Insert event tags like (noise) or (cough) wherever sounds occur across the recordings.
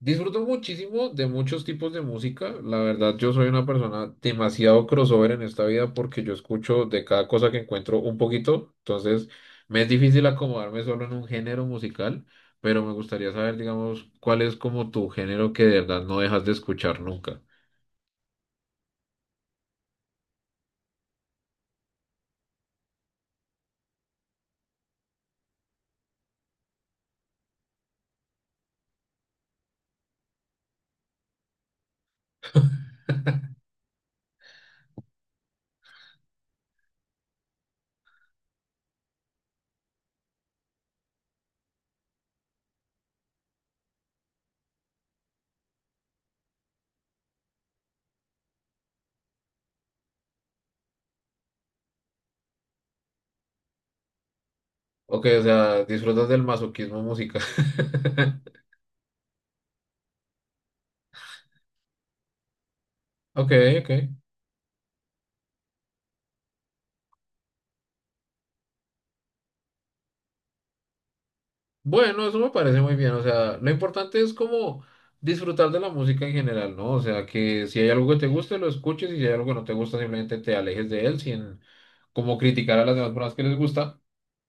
Disfruto muchísimo de muchos tipos de música. La verdad, yo soy una persona demasiado crossover en esta vida porque yo escucho de cada cosa que encuentro un poquito. Entonces, me es difícil acomodarme solo en un género musical, pero me gustaría saber, digamos, cuál es como tu género que de verdad no dejas de escuchar nunca. Ok, o sea, disfrutas del masoquismo musical. (laughs) Ok, ok. Bueno, eso me parece muy bien. O sea, lo importante es como disfrutar de la música en general, ¿no? O sea, que si hay algo que te guste, lo escuches y si hay algo que no te gusta, simplemente te alejes de él sin como criticar a las demás personas que les gusta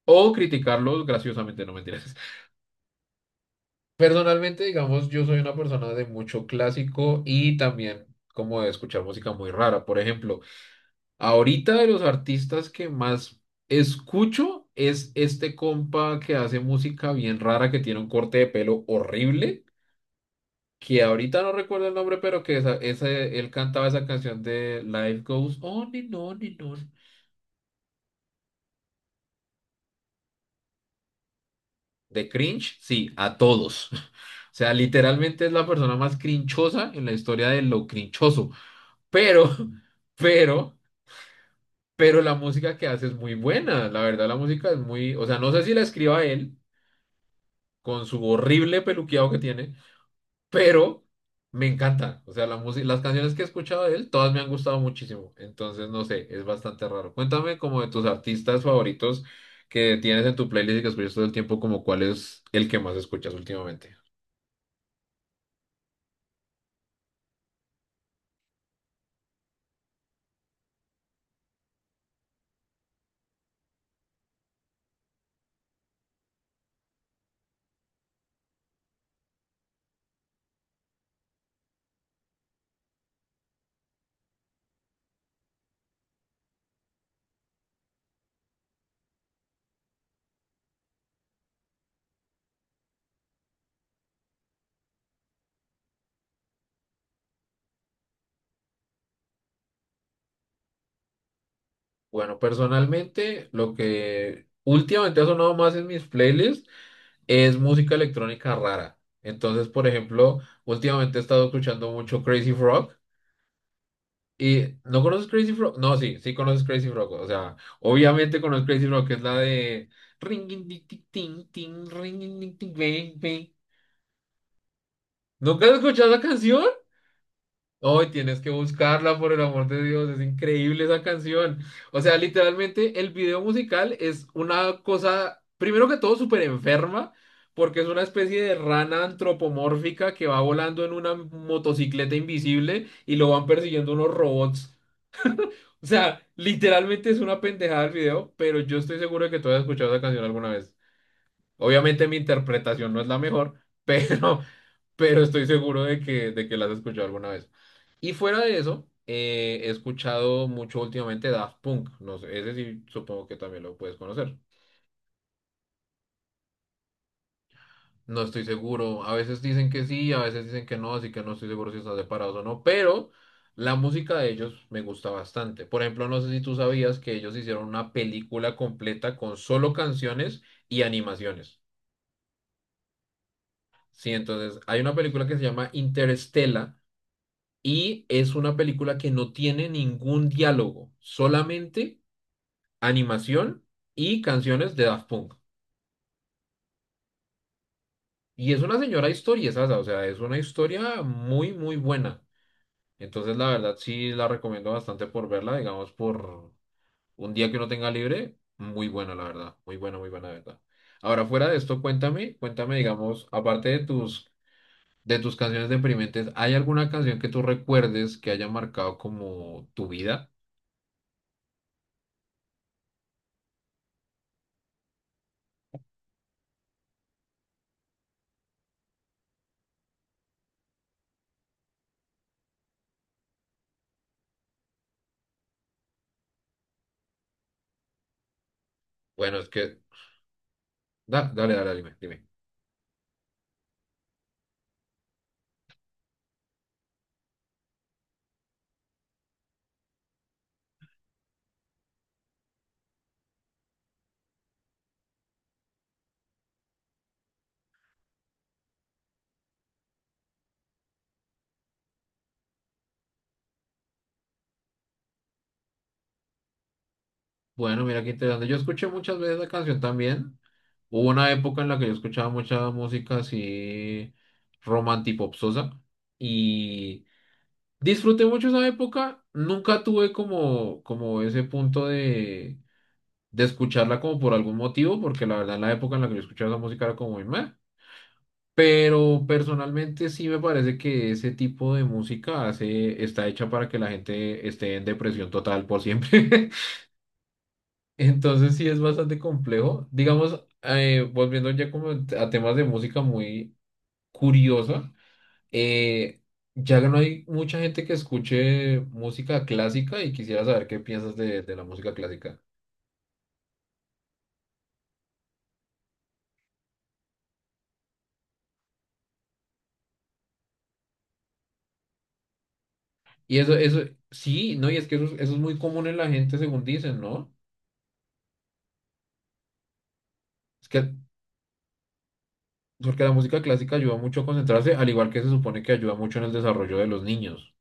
o criticarlos graciosamente, no mentiras. (laughs) Personalmente, digamos, yo soy una persona de mucho clásico y también como de escuchar música muy rara. Por ejemplo, ahorita de los artistas que más escucho es este compa que hace música bien rara, que tiene un corte de pelo horrible que ahorita no recuerdo el nombre, pero que esa, él cantaba esa canción de Life Goes On and On and On. De cringe, sí, a todos. (laughs) O sea, literalmente es la persona más crinchosa en la historia de lo crinchoso. Pero, (laughs) pero, pero la música que hace es muy buena. La verdad, la música es muy, o sea, no sé si la escriba él con su horrible peluqueado que tiene. Pero me encanta. O sea, la música, las canciones que he escuchado de él, todas me han gustado muchísimo. Entonces, no sé, es bastante raro. Cuéntame como de tus artistas favoritos que tienes en tu playlist y que escuchas todo el tiempo, como cuál es el que más escuchas últimamente. Bueno, personalmente, lo que últimamente ha sonado más en mis playlists es música electrónica rara. Entonces, por ejemplo, últimamente he estado escuchando mucho Crazy Frog. Y no conoces Crazy Frog, no, sí, sí conoces Crazy Frog, o sea, obviamente conoces Crazy Frog, que es la de ringing ting ting ting ringing ding, ting bang bang. ¿Nunca has escuchado la canción? Hoy tienes que buscarla por el amor de Dios, es increíble esa canción. O sea, literalmente el video musical es una cosa, primero que todo, súper enferma, porque es una especie de rana antropomórfica que va volando en una motocicleta invisible y lo van persiguiendo unos robots. O sea, literalmente es una pendejada el video, pero yo estoy seguro de que tú has escuchado esa canción alguna vez. Obviamente mi interpretación no es la mejor, pero, (laughs) pero estoy seguro de que, la has escuchado alguna vez. Y fuera de eso, he escuchado mucho últimamente Daft Punk. No sé, ese sí supongo que también lo puedes conocer. No estoy seguro. A veces dicen que sí, a veces dicen que no, así que no estoy seguro si están separados o no. Pero la música de ellos me gusta bastante. Por ejemplo, no sé si tú sabías que ellos hicieron una película completa con solo canciones y animaciones. Sí, entonces hay una película que se llama Interestela y es una película que no tiene ningún diálogo, solamente animación y canciones de Daft Punk. Y es una señora historia, ¿sabes? O sea, es una historia muy, muy buena. Entonces, la verdad, sí la recomiendo bastante por verla, digamos, por un día que uno tenga libre. Muy buena, la verdad. Muy buena, la verdad. Ahora, fuera de esto, cuéntame, cuéntame, digamos, aparte de tus canciones deprimentes, ¿hay alguna canción que tú recuerdes que haya marcado como tu vida? Bueno, es que, dale, dale, dime, dime. Bueno, mira qué interesante. Yo escuché muchas veces la canción también. Hubo una época en la que yo escuchaba mucha música así romantipopsosa y... Disfruté mucho esa época, nunca tuve como, como ese punto de escucharla como por algún motivo, porque la verdad la época en la que yo escuchaba esa música era como muy meh. Pero personalmente sí me parece que ese tipo de música hace, está hecha para que la gente esté en depresión total por siempre. (laughs) Entonces sí es bastante complejo. Digamos, volviendo ya como a temas de música muy curiosa. Eh, ya no hay mucha gente que escuche música clásica y quisiera saber qué piensas de la música clásica. Y eso, sí, no, y es que eso es muy común en la gente, según dicen, ¿no? Es que, porque la música clásica ayuda mucho a concentrarse, al igual que se supone que ayuda mucho en el desarrollo de los niños.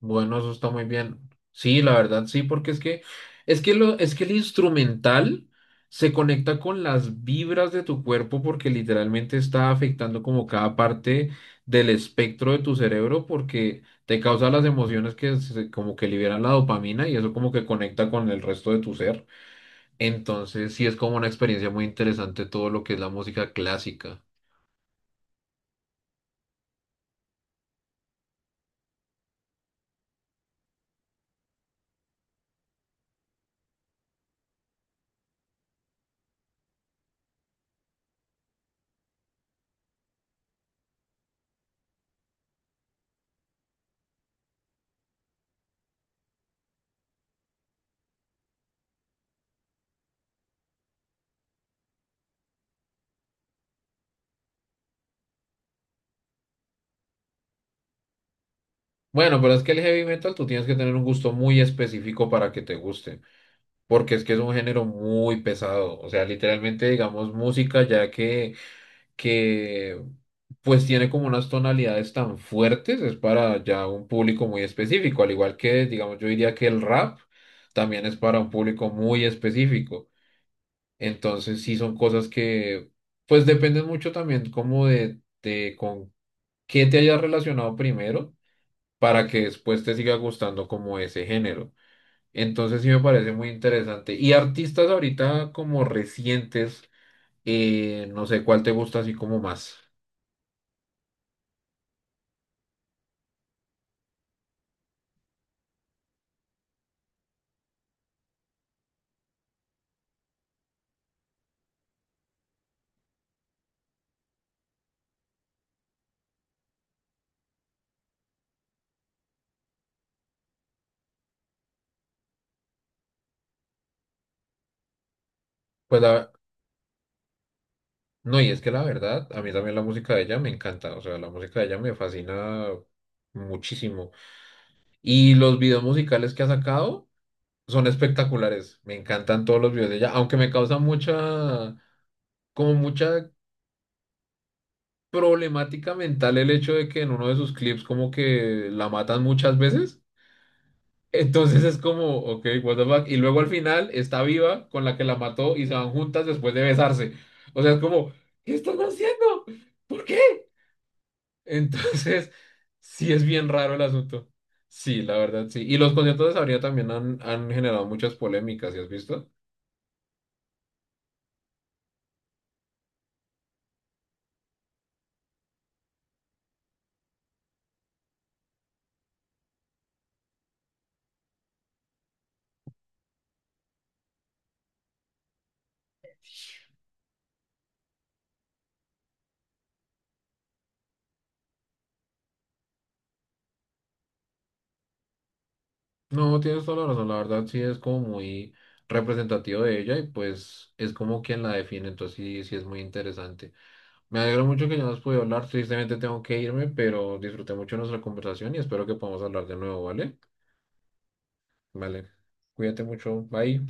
Bueno, eso está muy bien. Sí, la verdad, sí, porque es que lo, es que el instrumental se conecta con las vibras de tu cuerpo porque literalmente está afectando como cada parte del espectro de tu cerebro porque te causa las emociones que como que liberan la dopamina y eso como que conecta con el resto de tu ser. Entonces, sí es como una experiencia muy interesante todo lo que es la música clásica. Bueno, pero es que el heavy metal tú tienes que tener un gusto muy específico para que te guste. Porque es que es un género muy pesado, o sea, literalmente digamos música ya que, que pues tiene como unas tonalidades tan fuertes, es para ya un público muy específico, al igual que digamos yo diría que el rap también es para un público muy específico, entonces sí son cosas que pues dependen mucho también como de, con qué te hayas relacionado primero para que después te siga gustando como ese género. Entonces sí me parece muy interesante. Y artistas ahorita como recientes, no sé cuál te gusta así como más. Pues la- no, y es que la verdad, a mí también la música de ella me encanta. O sea, la música de ella me fascina muchísimo. Y los videos musicales que ha sacado son espectaculares. Me encantan todos los videos de ella, aunque me causa mucha, como mucha problemática mental el hecho de que en uno de sus clips como que la matan muchas veces. Entonces es como, ok, what the fuck. Y luego al final está viva con la que la mató y se van juntas después de besarse. O sea, es como, ¿qué están haciendo? ¿Por qué? Entonces, sí es bien raro el asunto. Sí, la verdad, sí. Y los conciertos de Sabrina también han, han generado muchas polémicas, ¿sí has visto? No, tienes toda la razón. La verdad, sí es como muy representativo de ella y pues es como quien la define. Entonces, sí, sí es muy interesante. Me alegro mucho que ya nos podido hablar. Tristemente tengo que irme, pero disfruté mucho nuestra conversación y espero que podamos hablar de nuevo, ¿vale? Vale. Cuídate mucho. Bye.